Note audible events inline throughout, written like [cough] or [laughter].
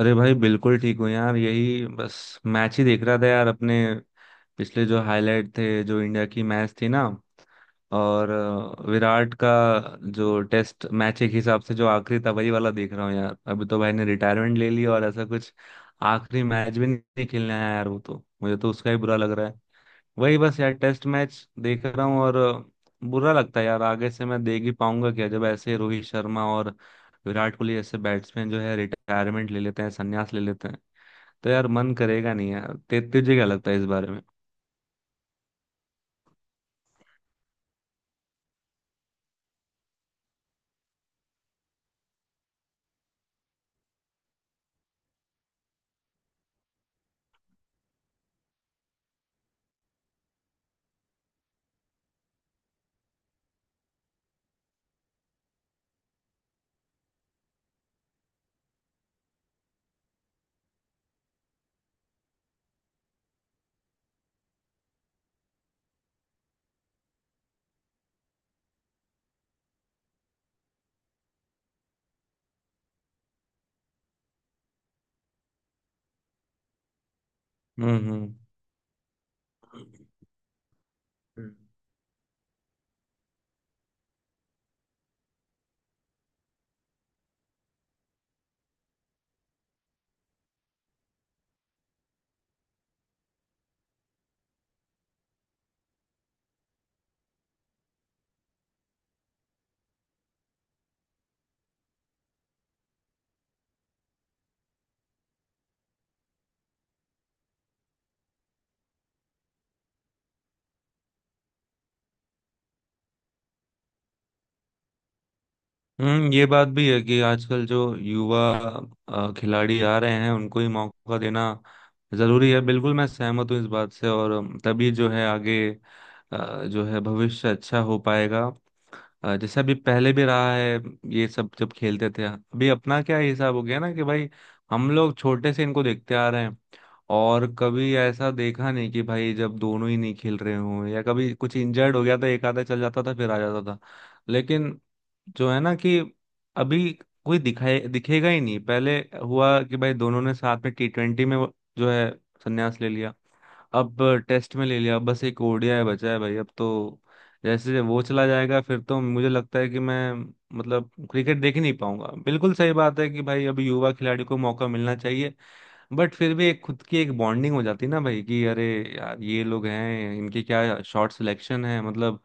अरे भाई बिल्कुल ठीक हूँ यार। यही बस मैच ही देख रहा था यार अपने पिछले जो हाईलाइट थे, जो इंडिया की मैच थी ना। और विराट का जो टेस्ट मैच एक हिसाब से जो आखिरी था, वही वाला देख रहा हूँ यार। अभी तो भाई ने रिटायरमेंट ले ली और ऐसा कुछ आखिरी मैच भी नहीं खेलने आया यार वो तो। मुझे तो उसका ही बुरा लग रहा है। वही बस यार टेस्ट मैच देख रहा हूँ। और बुरा लगता है यार, आगे से मैं देख ही पाऊंगा क्या जब ऐसे रोहित शर्मा और विराट कोहली जैसे बैट्समैन जो है रिटायरमेंट ले लेते हैं, संन्यास ले लेते हैं। तो यार मन करेगा नहीं यार। तुझे क्या लगता है इस बारे में। हम्म हम्म हम्म, ये बात भी है कि आजकल जो युवा खिलाड़ी आ रहे हैं उनको ही मौका देना जरूरी है। बिल्कुल मैं सहमत हूँ इस बात से। और तभी जो है आगे जो है भविष्य अच्छा हो पाएगा। जैसे अभी पहले भी रहा है ये सब जब खेलते थे। अभी अपना क्या हिसाब हो गया ना कि भाई हम लोग छोटे से इनको देखते आ रहे हैं। और कभी ऐसा देखा नहीं कि भाई जब दोनों ही नहीं खेल रहे हों, या कभी कुछ इंजर्ड हो गया तो एक आधा चल जाता था, फिर आ जाता था। लेकिन जो है ना कि अभी कोई दिखाए दिखेगा ही नहीं। पहले हुआ कि भाई दोनों ने साथ में टी ट्वेंटी में जो है संन्यास ले लिया। अब टेस्ट में ले लिया। अब बस एक ओडीआई बचा है भाई। अब तो जैसे वो चला जाएगा फिर तो मुझे लगता है कि मैं मतलब क्रिकेट देख ही नहीं पाऊंगा। बिल्कुल सही बात है कि भाई अभी युवा खिलाड़ी को मौका मिलना चाहिए। बट फिर भी एक खुद की एक बॉन्डिंग हो जाती है ना भाई कि अरे यार ये लोग हैं, इनके क्या शॉट सिलेक्शन है मतलब।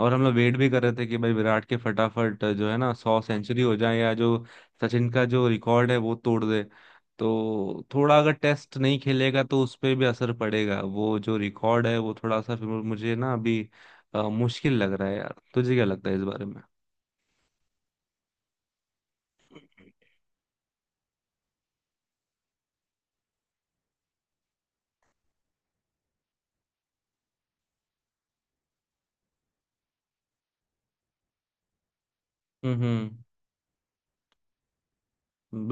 और हम लोग वेट भी कर रहे थे कि भाई विराट के फटाफट जो है ना सौ सेंचुरी हो जाए, या जो सचिन का जो रिकॉर्ड है वो तोड़ दे। तो थोड़ा अगर टेस्ट नहीं खेलेगा तो उस पर भी असर पड़ेगा, वो जो रिकॉर्ड है वो थोड़ा सा फिर मुझे ना अभी मुश्किल लग रहा है यार। तुझे क्या लगता है इस बारे में। हम्म हम्म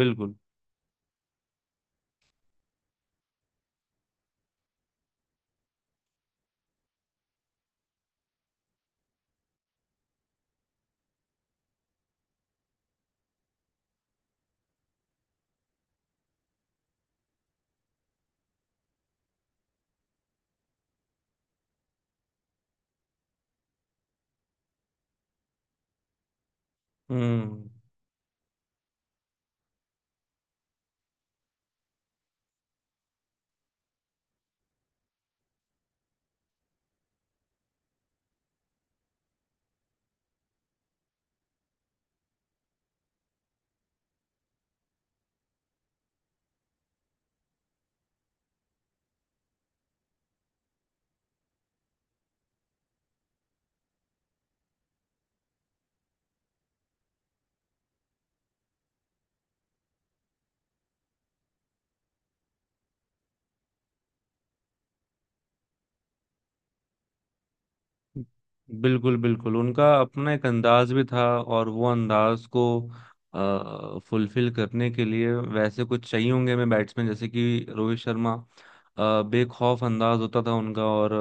बिल्कुल। हम्म, बिल्कुल बिल्कुल उनका अपना एक अंदाज भी था और वो अंदाज को फुलफिल करने के लिए वैसे कुछ चाहिए होंगे हमें बैट्समैन, जैसे कि रोहित शर्मा। बेखौफ अंदाज होता था उनका और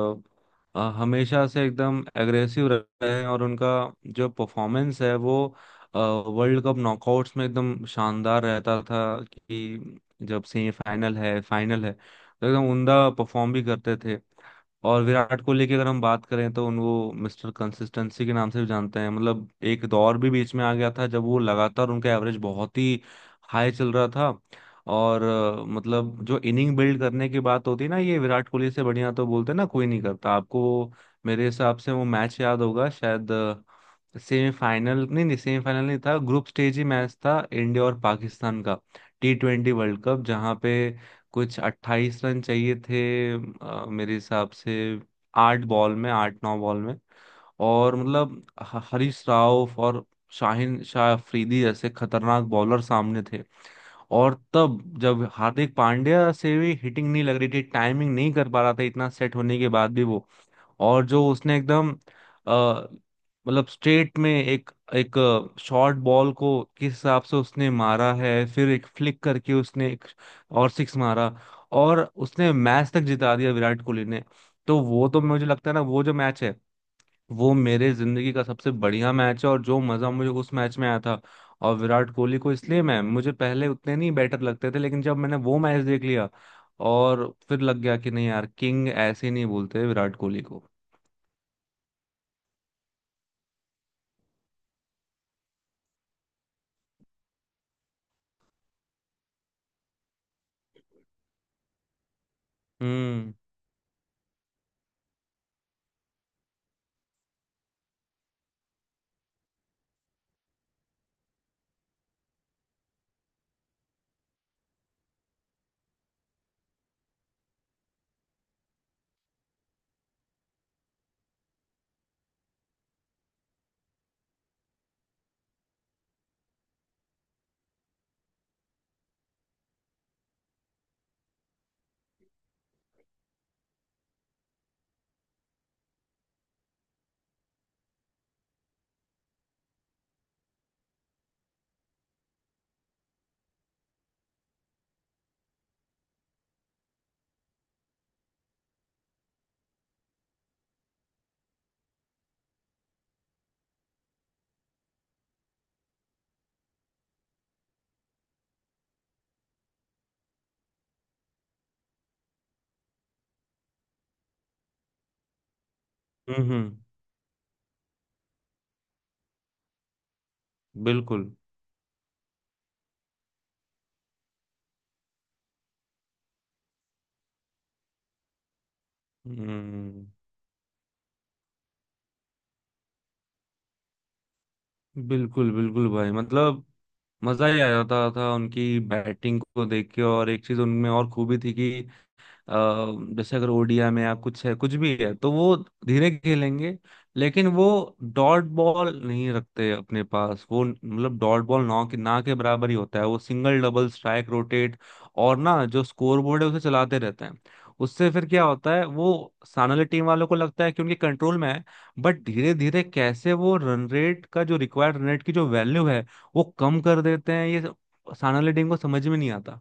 हमेशा से एकदम एग्रेसिव रहे हैं। और उनका जो परफॉर्मेंस है वो वर्ल्ड कप नॉकआउट्स में एकदम शानदार रहता था कि जब सेमीफाइनल है, फाइनल है तो एकदम उमदा परफॉर्म भी करते थे। और विराट कोहली की अगर हम बात करें तो उनको मिस्टर कंसिस्टेंसी के नाम से भी जानते हैं। मतलब एक दौर भी बीच में आ गया था जब वो लगातार उनका एवरेज बहुत ही हाई चल रहा था। और मतलब जो इनिंग बिल्ड करने की बात होती है ना, ये विराट कोहली से बढ़िया तो बोलते हैं ना कोई नहीं करता। आपको मेरे हिसाब से वो मैच याद होगा शायद। सेमीफाइनल नहीं, नहीं सेमीफाइनल नहीं था, ग्रुप स्टेज ही मैच था इंडिया और पाकिस्तान का, टी ट्वेंटी वर्ल्ड कप। जहाँ पे कुछ 28 रन चाहिए थे मेरे हिसाब से आठ बॉल में, आठ नौ बॉल में। और मतलब हरीश राव और शाहिन शाह अफरीदी जैसे खतरनाक बॉलर सामने थे। और तब जब हार्दिक पांड्या से भी हिटिंग नहीं लग रही थी, टाइमिंग नहीं कर पा रहा था इतना सेट होने के बाद भी वो। और जो उसने एकदम अ, मतलब स्ट्रेट में एक एक शॉर्ट बॉल को किस हिसाब से उसने मारा है, फिर एक फ्लिक करके उसने एक और सिक्स मारा। और उसने मैच तक जिता दिया विराट कोहली ने। तो वो तो मुझे लगता है ना वो जो मैच है, वो मेरे जिंदगी का सबसे बढ़िया मैच है। और जो मजा मुझे उस मैच में आया था, और विराट कोहली को इसलिए मैं, मुझे पहले उतने नहीं बेटर लगते थे, लेकिन जब मैंने वो मैच देख लिया और फिर लग गया कि नहीं यार, किंग ऐसे नहीं बोलते विराट कोहली को। हम्म हम्म हम्म, बिल्कुल। हम्म, बिल्कुल बिल्कुल भाई मतलब मजा ही आ जाता था उनकी बैटिंग को देख के। और एक चीज उनमें और खूबी थी कि अ, जैसे अगर ओडिया में या कुछ है, कुछ भी है तो वो धीरे खेलेंगे। लेकिन वो डॉट बॉल नहीं रखते अपने पास वो, मतलब डॉट बॉल ना के बराबर ही होता है वो। सिंगल डबल स्ट्राइक रोटेट, और ना जो स्कोर बोर्ड है उसे चलाते रहते हैं। उससे फिर क्या होता है वो सामने वाली टीम वालों को लगता है कि उनके कंट्रोल में है। बट धीरे धीरे कैसे वो रन रेट का जो रिक्वायर्ड रन रेट की जो वैल्यू है वो कम कर देते हैं, ये सामने वाली टीम को समझ में नहीं आता।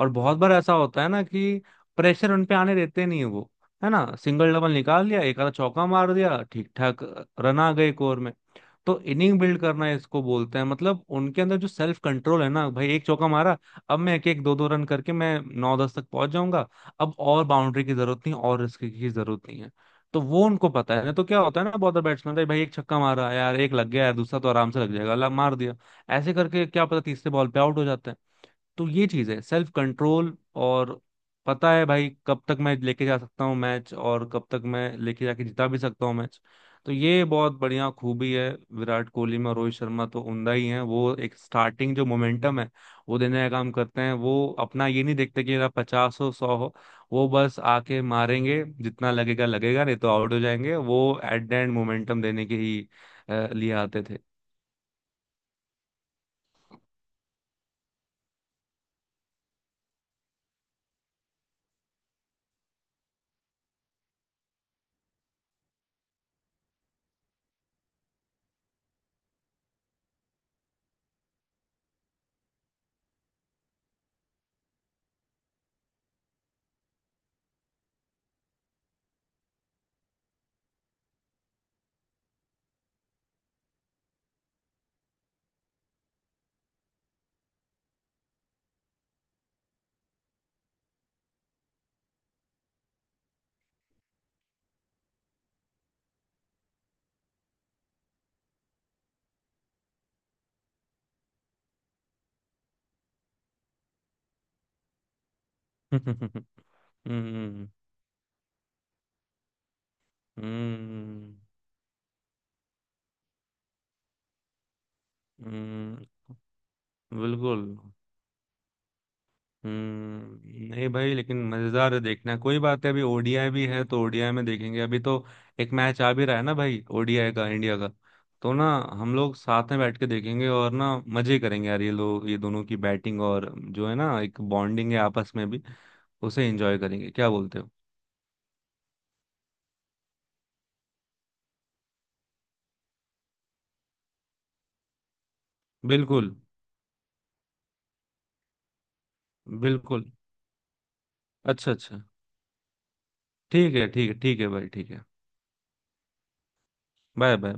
और बहुत बार ऐसा होता है ना कि प्रेशर उन पे आने देते नहीं है वो। है ना, सिंगल डबल निकाल लिया, एक आधा चौका मार दिया, ठीक ठाक रन आ गए एक ओवर में। तो इनिंग बिल्ड करना है इसको बोलते हैं। मतलब उनके अंदर जो सेल्फ कंट्रोल है ना भाई, एक चौका मारा, अब मैं एक एक दो दो रन करके मैं नौ दस तक पहुंच जाऊंगा, अब और बाउंड्री की जरूरत नहीं और रिस्क की जरूरत नहीं है। तो वो उनको पता है ना। तो क्या होता है ना बहुत बैट्समैन का, भाई एक छक्का मारा यार एक लग गया, यार दूसरा तो आराम से लग जाएगा, मार दिया, ऐसे करके क्या पता तीसरे बॉल पे आउट हो जाते हैं। तो ये चीज है सेल्फ कंट्रोल। और पता है भाई कब तक मैं लेके जा सकता हूँ मैच, और कब तक मैं लेके जाके जिता भी सकता हूँ मैच। तो ये बहुत बढ़िया खूबी है विराट कोहली में। और रोहित शर्मा तो उमदा ही हैं, वो एक स्टार्टिंग जो मोमेंटम है वो देने का काम करते हैं। वो अपना ये नहीं देखते कि मेरा पचास हो, सौ हो, वो बस आके मारेंगे, जितना लगेगा लगेगा, नहीं तो आउट हो जाएंगे। वो एट द एंड मोमेंटम देने के ही लिए आते थे। [laughs] हम्म हम्म हम्म हम्म। बिल्कुल। हम्म, नहीं भाई लेकिन मजेदार है देखना। कोई बात है, अभी ओडीआई भी है तो ओडीआई में देखेंगे अभी तो। एक मैच आ भी रहा है ना भाई ओडीआई का इंडिया का। तो ना हम लोग साथ में बैठ के देखेंगे और ना मजे करेंगे यार ये लोग, ये दोनों की बैटिंग, और जो है ना एक बॉन्डिंग है आपस में भी, उसे एंजॉय करेंगे। क्या बोलते हो। बिल्कुल बिल्कुल। अच्छा अच्छा, ठीक है ठीक है ठीक है भाई, ठीक है। Bye bye.